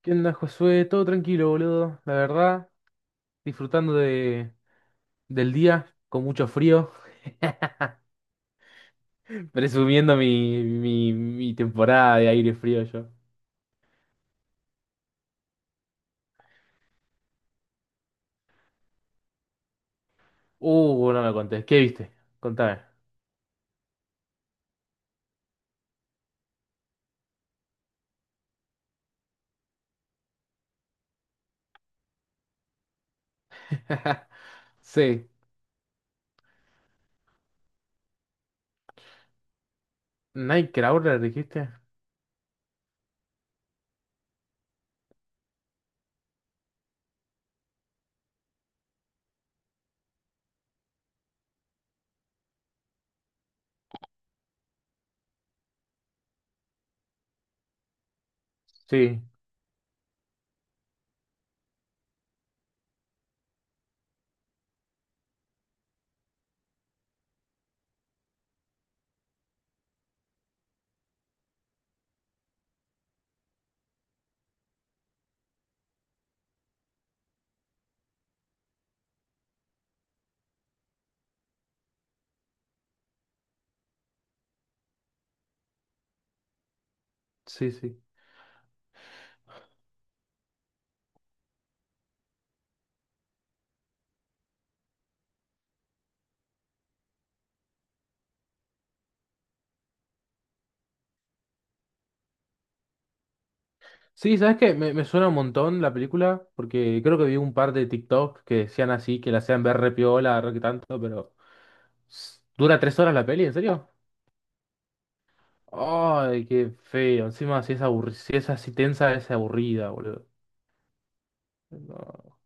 ¿Qué onda, Josué? Todo tranquilo, boludo. La verdad, disfrutando del día con mucho frío. Presumiendo mi temporada de aire frío yo. No me contés. ¿Qué viste? Contame. Sí. ¿Nightcrawler dijiste? Sí, sí, sí. Sí, ¿sabes qué? Me suena un montón la película, porque creo que vi un par de TikTok que decían así, que la hacían ver re piola, re que tanto, pero… ¿Dura 3 horas la peli? ¿En serio? Ay, qué feo. Encima, si es así tensa, es aburrida, boludo. No.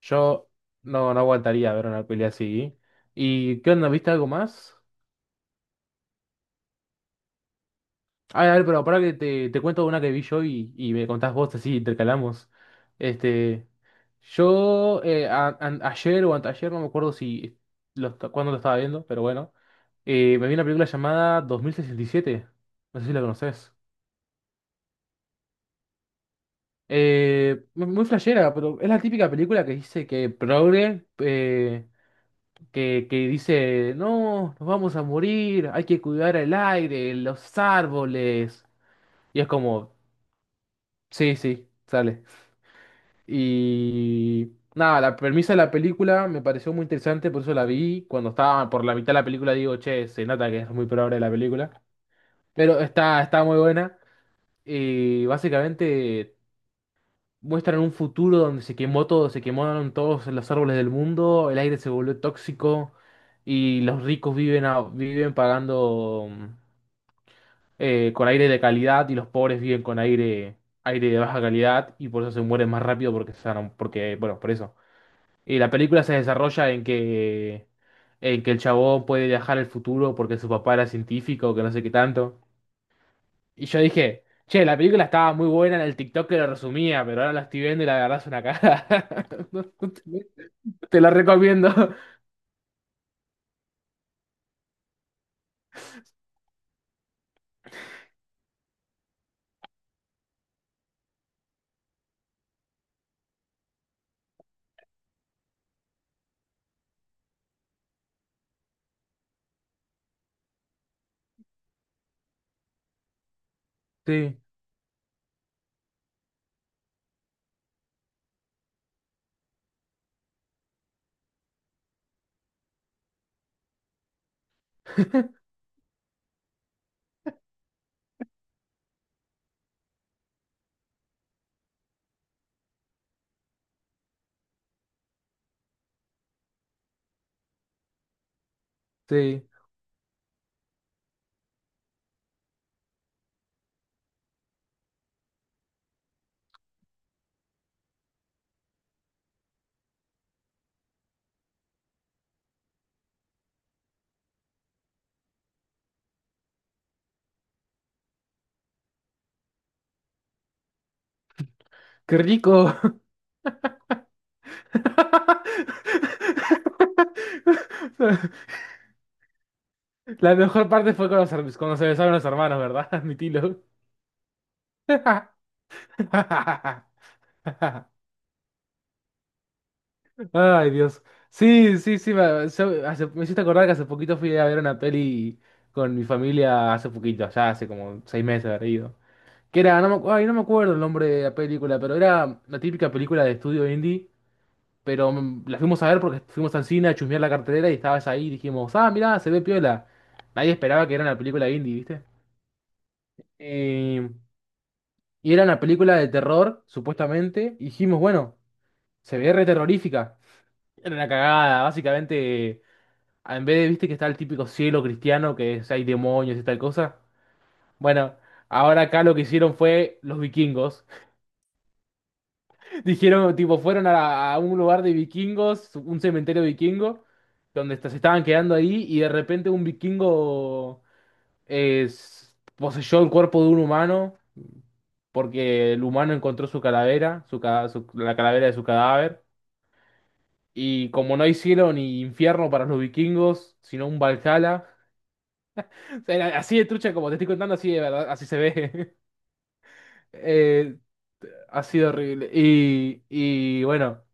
Yo no aguantaría ver una pelea así. ¿Y qué onda? ¿Viste algo más? Ay, a ver, pero para que te cuento una que vi yo y me contás vos, así intercalamos. Este, yo ayer o anteayer, no me acuerdo si lo, est- cuándo lo estaba viendo, pero bueno. Me vi una película llamada 2067. No sé si la conoces. Muy flashera, pero es la típica película que dice que progre, que dice, no, nos vamos a morir, hay que cuidar el aire, los árboles. Y es como, sí, sí, sale. Y nada, la premisa de la película me pareció muy interesante, por eso la vi. Cuando estaba por la mitad de la película digo, che, se nota que es muy progre la película. Pero está muy buena. Y básicamente… Muestran un futuro donde se quemó todo, se quemaron todos los árboles del mundo, el aire se volvió tóxico y los ricos viven, viven pagando con aire de calidad y los pobres viven con aire, aire de baja calidad y por eso se mueren más rápido porque, porque bueno, por eso. Y la película se desarrolla en que el chabón puede viajar al futuro porque su papá era científico, que no sé qué tanto. Y yo dije, che, la película estaba muy buena en el TikTok que lo resumía, pero ahora la estoy viendo y la verdad es una cagada. No, no te, te la recomiendo. Sí, sí. ¡Qué rico! La mejor parte fue con los cuando se besaron los hermanos, ¿verdad? Admitilo. Ay, Dios. Sí, sí, sí. Me hiciste acordar que hace poquito fui a ver una peli con mi familia, hace poquito, ya hace como 6 meses, habrá ido. Que era, no me acuerdo el nombre de la película, pero era la típica película de estudio indie. Pero la fuimos a ver porque fuimos al cine a chusmear la cartelera y estabas ahí y dijimos, ah, mirá, se ve piola. Nadie esperaba que era una película indie, ¿viste? Eh, y era una película de terror, supuestamente. Y dijimos, bueno, se ve re terrorífica. Era una cagada, básicamente. En vez de, viste, que está el típico cielo cristiano, hay demonios y tal cosa. Bueno, ahora acá lo que hicieron fue los vikingos. Dijeron, tipo, a un lugar de vikingos, un cementerio vikingo, se estaban quedando ahí y de repente un vikingo eh, poseyó el cuerpo de un humano porque el humano encontró su calavera, la calavera de su cadáver. Y como no hay cielo ni infierno para los vikingos, sino un Valhalla, o sea, era así de trucha como te estoy contando, así de verdad, así se ve. Eh, Ha sido horrible. Y bueno.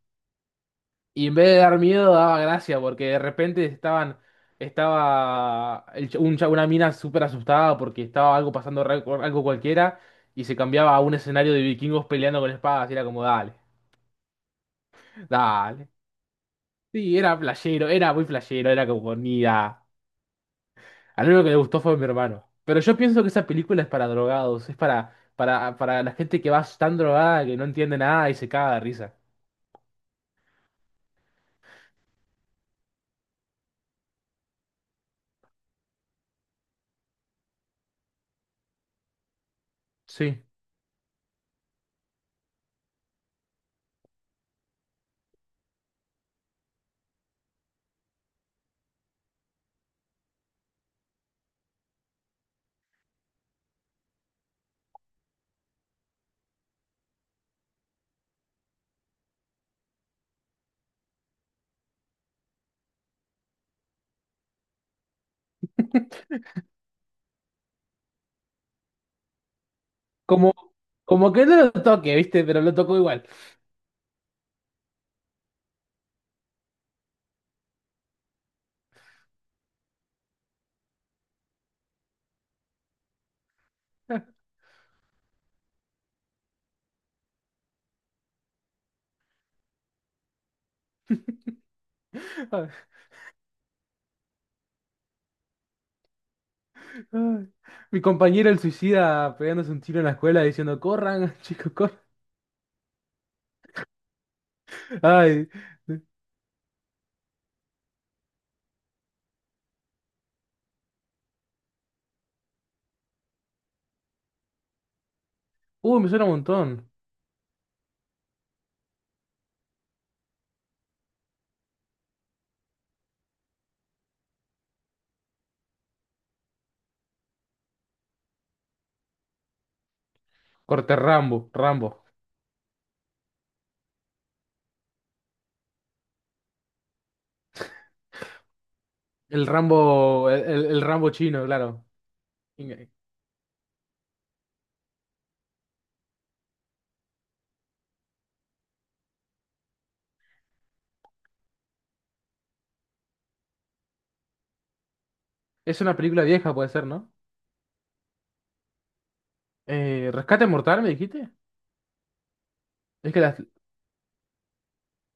Y en vez de dar miedo, daba gracia, porque de repente estaba el ch- un cha- una mina súper asustada porque estaba algo pasando, algo cualquiera, y se cambiaba a un escenario de vikingos peleando con espadas, y era como, dale. Sí, era playero, era muy playero, era como, ni da. Al único que le gustó fue mi hermano. Pero yo pienso que esa película es para drogados, es para la gente que va tan drogada que no entiende nada y se caga de risa. Sí. Como, como que no lo toque, ¿viste? Pero lo tocó igual. Ay, Ay. Mi compañero el suicida pegándose un tiro en la escuela diciendo, corran, chicos, corran. Ay, me suena un montón. Corte Rambo, Rambo. El Rambo, el Rambo chino, claro. Es una película vieja, puede ser, ¿no? ¿Rescate Mortal, me dijiste? Es que las…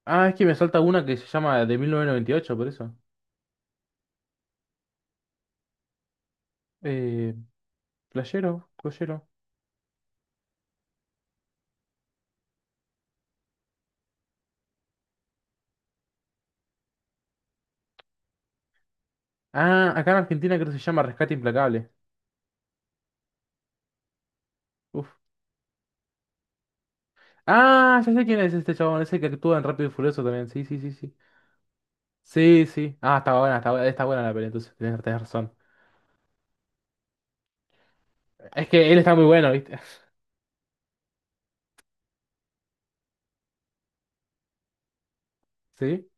Ah, es que me salta una que se llama de 1998 por eso. Eh, playero, playero. Ah, acá en Argentina creo que se llama Rescate Implacable. Uf. Ah, ya sé quién es este chabón, ese que actúa en Rápido y Furioso también. Sí, sí, sí, sí. Sí, sí. Ah, está buena, está buena, está buena la peli, entonces tenés, tenés razón. Es que él está muy bueno, ¿viste? Sí.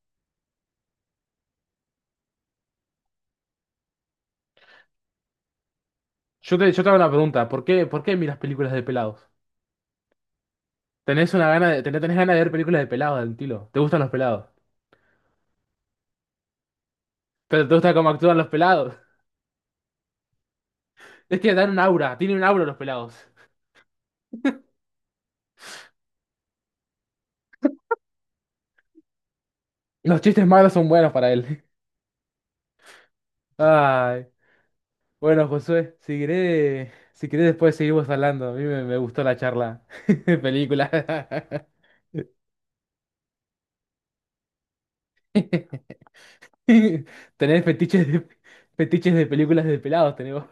Yo te hago una pregunta, ¿por qué miras películas de pelados? ¿Tenés ganas de ver películas de pelados del estilo? ¿Te gustan los pelados? ¿Pero te gusta cómo actúan los pelados? Es que dan un aura, tienen un aura los pelados. Los chistes malos son buenos para él. Ay. Bueno, Josué, si querés después seguimos hablando. A mí me gustó la charla de película. Tener fetiches de películas de pelados, tenemos.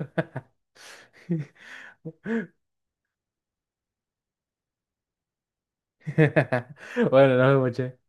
Bueno, nos vemos, che.